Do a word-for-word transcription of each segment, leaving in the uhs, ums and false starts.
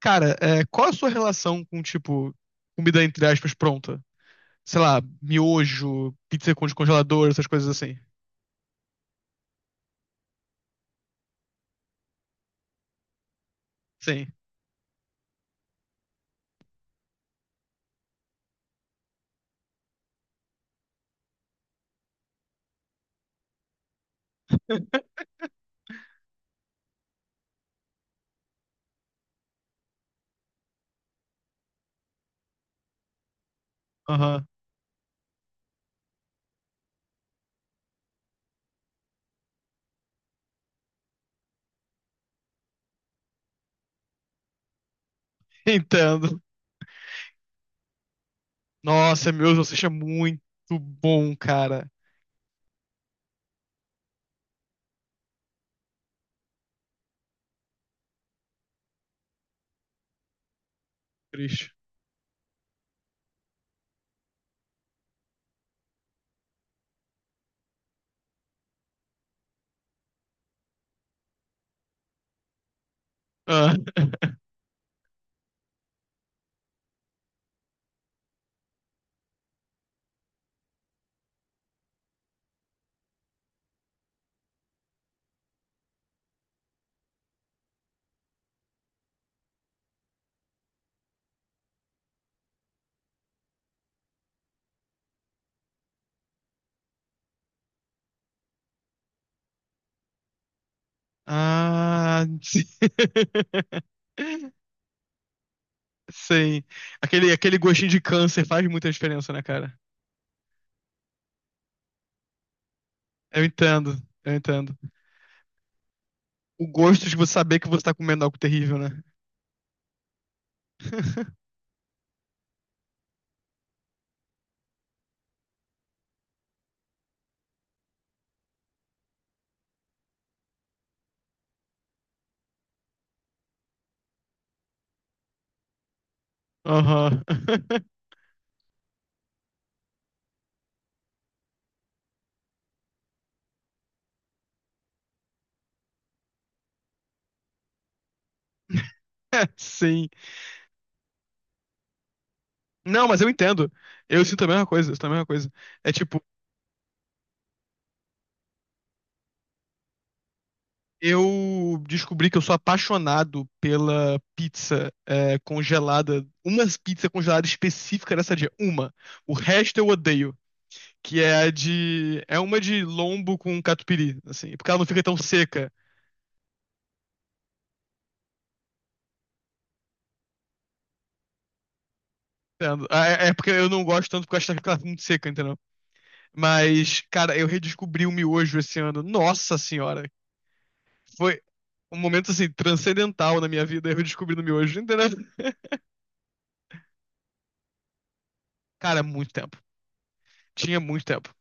Cara, é, qual a sua relação com, tipo, comida entre aspas pronta? Sei lá, miojo, pizza com descongelador, essas coisas assim. Sim. Aham. Entendo. Nossa, miojo você é muito bom, cara. Triste. Ah, ah sim. Sim. Aquele, aquele gostinho de câncer faz muita diferença, né, cara? Eu entendo, eu entendo. O gosto de você saber que você tá comendo algo terrível, né? Aham. Sim. Não, mas eu entendo. Eu sinto a mesma coisa, eu sinto a mesma coisa. É tipo, eu descobri que eu sou apaixonado pela pizza é, congelada, uma pizza congelada específica dessa dia, uma. O resto eu odeio, que é a de, é uma de lombo com catupiry, assim, porque ela não fica tão seca. entendo? Ah, É é porque eu não gosto tanto porque eu acho que ela fica muito seca, entendeu? Mas, cara, eu redescobri o miojo esse ano. Nossa senhora, foi um momento assim transcendental na minha vida, eu redescobri no miojo, entendeu? Cara, muito tempo. Tinha muito tempo.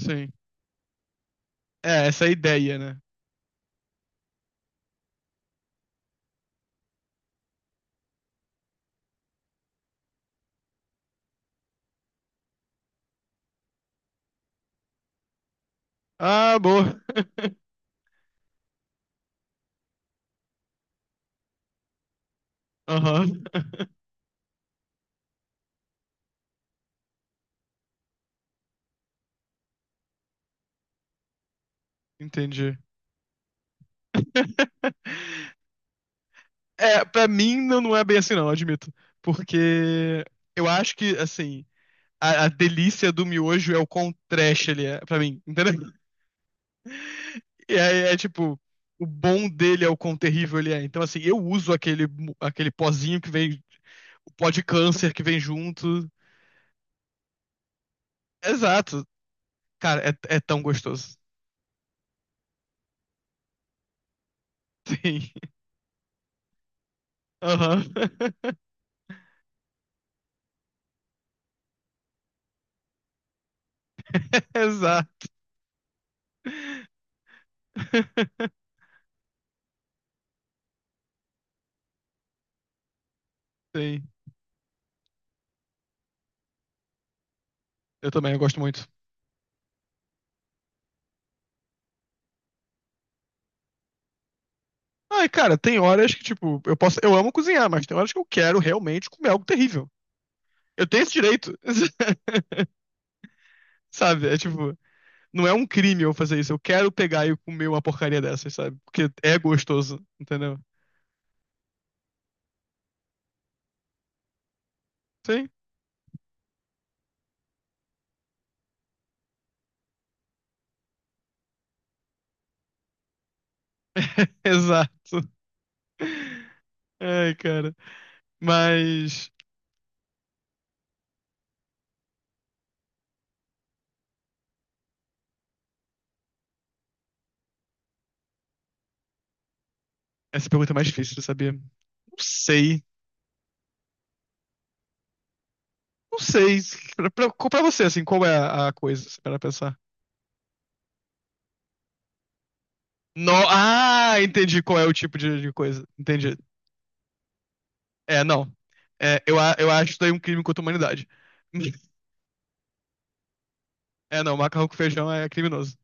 Sim. É, essa é a ideia, né? Ah, boa. Aham. Entendi. É, pra mim não, não é bem assim, não, admito. Porque eu acho que, assim, a, a delícia do miojo é o quão trash ele é, pra mim, entendeu? E aí é tipo, o bom dele é o quão terrível ele é. Então, assim, eu uso aquele, mo- aquele pozinho que vem, o pó de câncer que vem junto. Exato. Cara, é, é tão gostoso. Sim. Aham. Exato. Sim, eu também, eu gosto muito. Ai, cara, tem horas que, tipo, eu posso. Eu amo cozinhar, mas tem horas que eu quero realmente comer algo terrível. Eu tenho esse direito. Sabe? É tipo, não é um crime eu fazer isso. Eu quero pegar e comer uma porcaria dessas, sabe? Porque é gostoso, entendeu? Sim. Exato. Ai, cara. Mas essa pergunta é mais difícil de saber. Não sei. Não sei. Pra, pra, pra você, assim, qual é a, a coisa? Para pensar. No... Ah, entendi qual é o tipo de, de coisa. Entendi. É, não. É, eu, a- eu acho isso daí é um crime contra a humanidade. É, não, macarrão com feijão é criminoso.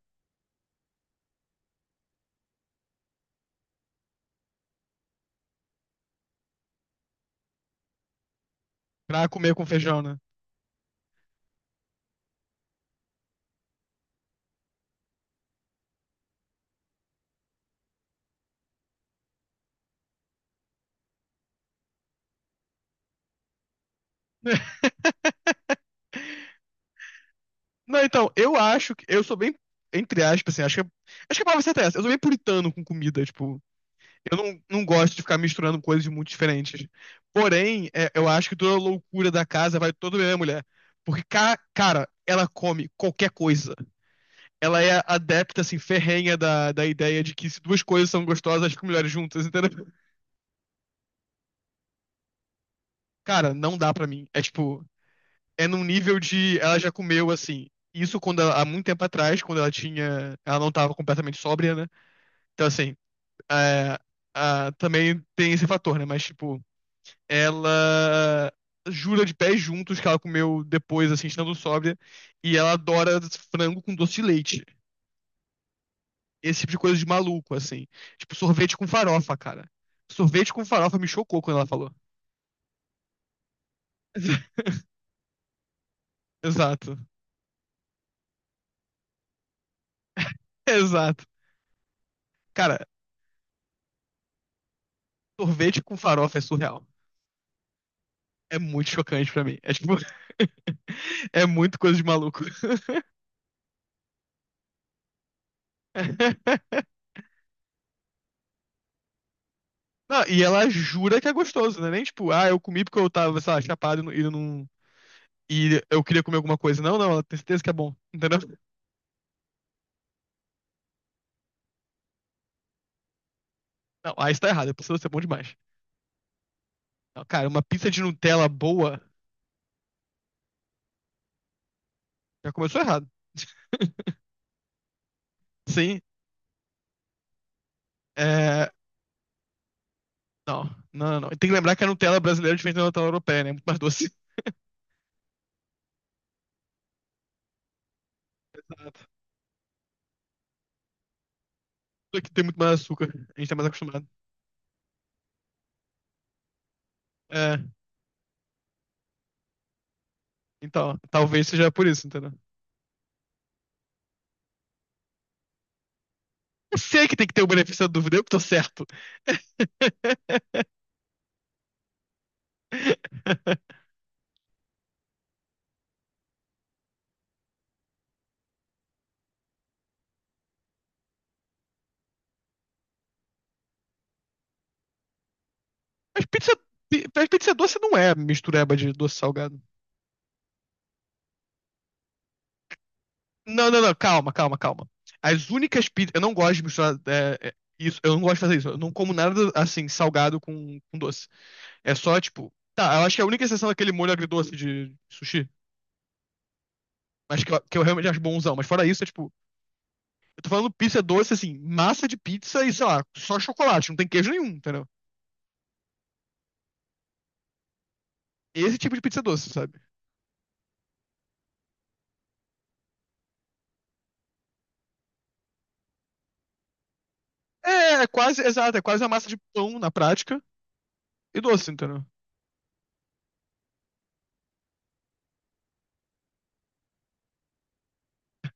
Pra comer com feijão, né? Não, então, eu acho que. Eu sou bem, entre aspas, assim, acho que, acho que a palavra certa é essa. Eu sou bem puritano com comida, tipo. Eu não, não gosto de ficar misturando coisas muito diferentes. Porém, é, eu acho que toda a loucura da casa vai toda bem a minha mulher. Porque, ca- cara, ela come qualquer coisa. ela é adepta, assim, ferrenha da, da ideia de que se duas coisas são gostosas, elas ficam melhores juntas, entendeu? Cara, não dá pra mim. É tipo, é num nível de ela já comeu, assim, isso quando ela- há muito tempo atrás, quando ela tinha, ela não tava completamente sóbria, né? Então, assim, é, ah, também tem esse fator, né? Mas, tipo, ela jura de pés juntos que ela comeu depois, assim, estando sóbria, e ela adora frango com doce de leite. esse tipo de coisa de maluco, assim. Tipo, sorvete com farofa, cara. Sorvete com farofa me chocou quando ela falou. Exato. Exato. Cara, sorvete com farofa é surreal. É muito chocante pra mim. É tipo. É muito coisa de maluco. Não, e ela jura que é gostoso, né? Nem tipo, ah, eu comi porque eu tava, sei lá, chapado e não- e não. E eu queria comer alguma coisa. Não, não, ela tem certeza que é bom. Entendeu? Não, aí está errado. É possível ser bom demais. Não, cara, uma pizza de Nutella boa já começou errado. Sim. É... Não, não, não. não. E Tem que lembrar que a Nutella brasileira é diferente da Nutella europeia, né? É muito mais doce. Exato. Só que tem muito mais açúcar. A gente tá mais acostumado. É, então, talvez seja por isso, entendeu? Eu sei que tem que ter o benefício da dúvida, eu que tô certo. Mas pizza, pi- mas pizza doce não é mistureba de doce salgado. Não, não, não, calma, calma, calma. As únicas pizzas. Eu não gosto de misturar é, é, isso, eu não gosto de fazer isso. Eu não como nada assim, salgado com, com doce. É só tipo. Tá, eu acho que a única exceção é aquele molho agridoce de sushi. Mas que eu, que eu realmente acho bonzão. Mas fora isso, é tipo, eu tô falando pizza doce, assim, massa de pizza e, sei lá, só chocolate, não tem queijo nenhum, entendeu? Esse tipo de pizza doce, sabe? É, é quase, exato, é quase a massa de pão na prática e doce, entendeu?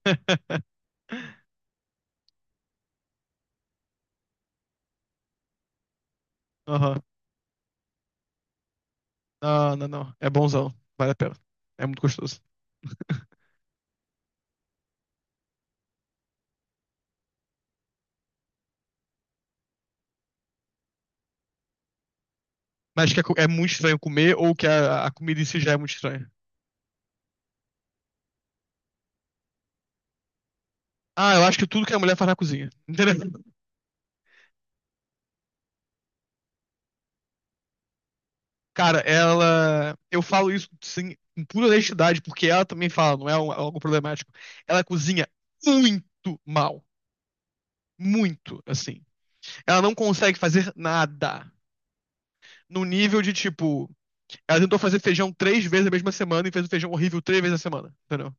Aham. Não, não, não. É bonzão. Vale a pena. É muito gostoso. Mas que é, co- é muito estranho comer ou que a, a comida em si já é muito estranha. Ah, eu acho que tudo que a mulher faz na cozinha. Entendeu? Cara, ela. Eu falo isso sim, com pura honestidade, porque ela também fala, não é um- algo problemático. Ela cozinha muito mal. Muito, assim. Ela não consegue fazer nada. No nível de, tipo, ela tentou fazer feijão três vezes na mesma semana e fez o feijão horrível três vezes na semana, entendeu?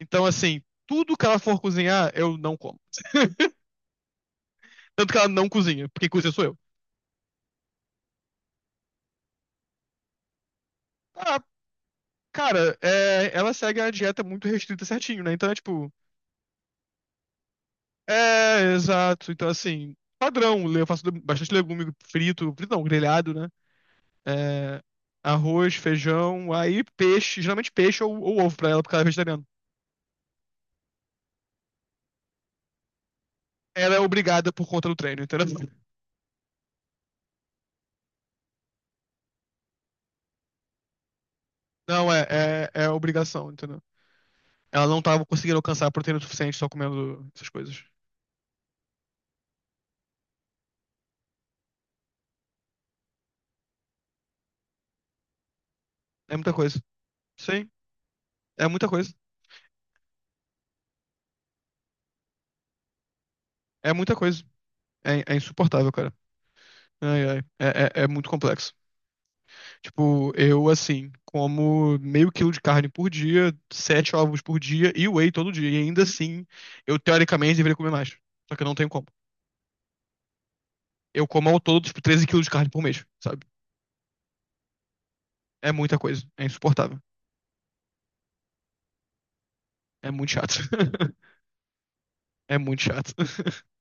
Então, assim, tudo que ela for cozinhar, eu não como. Tanto que ela não cozinha, porque cozinha sou eu. Ah, cara, é, ela segue a dieta muito restrita certinho, né? Então é tipo. É, exato. Então, assim, padrão. Eu faço bastante legume frito, frito não, grelhado, né? É, arroz, feijão, aí peixe, geralmente peixe ou, ou ovo pra ela, porque ela é vegetariana. Ela é obrigada por conta do treino, entendeu? Não, é, é, é obrigação, entendeu? Ela não tava conseguindo alcançar a proteína suficiente só comendo essas coisas. É muita coisa. Sim, é muita coisa. É muita coisa. É, é insuportável, cara. Ai, ai. É, é, é muito complexo. Tipo, eu assim, como meio quilo de carne por dia, sete ovos por dia e whey todo dia. E ainda assim, eu teoricamente deveria comer mais. Só que eu não tenho como. Eu como ao todo, tipo, treze quilos de carne por mês, sabe? É muita coisa. É insuportável. É muito chato. É muito chato.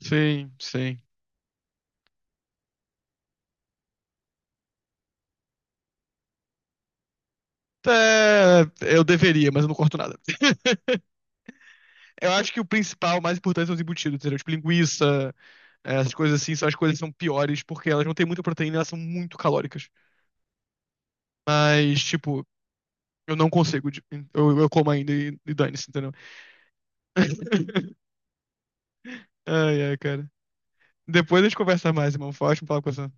Sim, sim. É, eu deveria, mas eu não corto nada. Eu acho que o principal, o mais importante são os embutidos, entendeu? Tipo, linguiça, eh, essas coisas assim, são as coisas que são piores, porque elas não têm muita proteína, elas são muito calóricas. Mas, tipo, Eu não consigo. de- Eu, eu como ainda e, e dane-se, entendeu? Ai, ai, cara. Depois a gente conversa mais, irmão. Foi ótimo falar com você.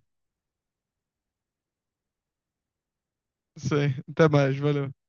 Isso aí. Até mais. Valeu.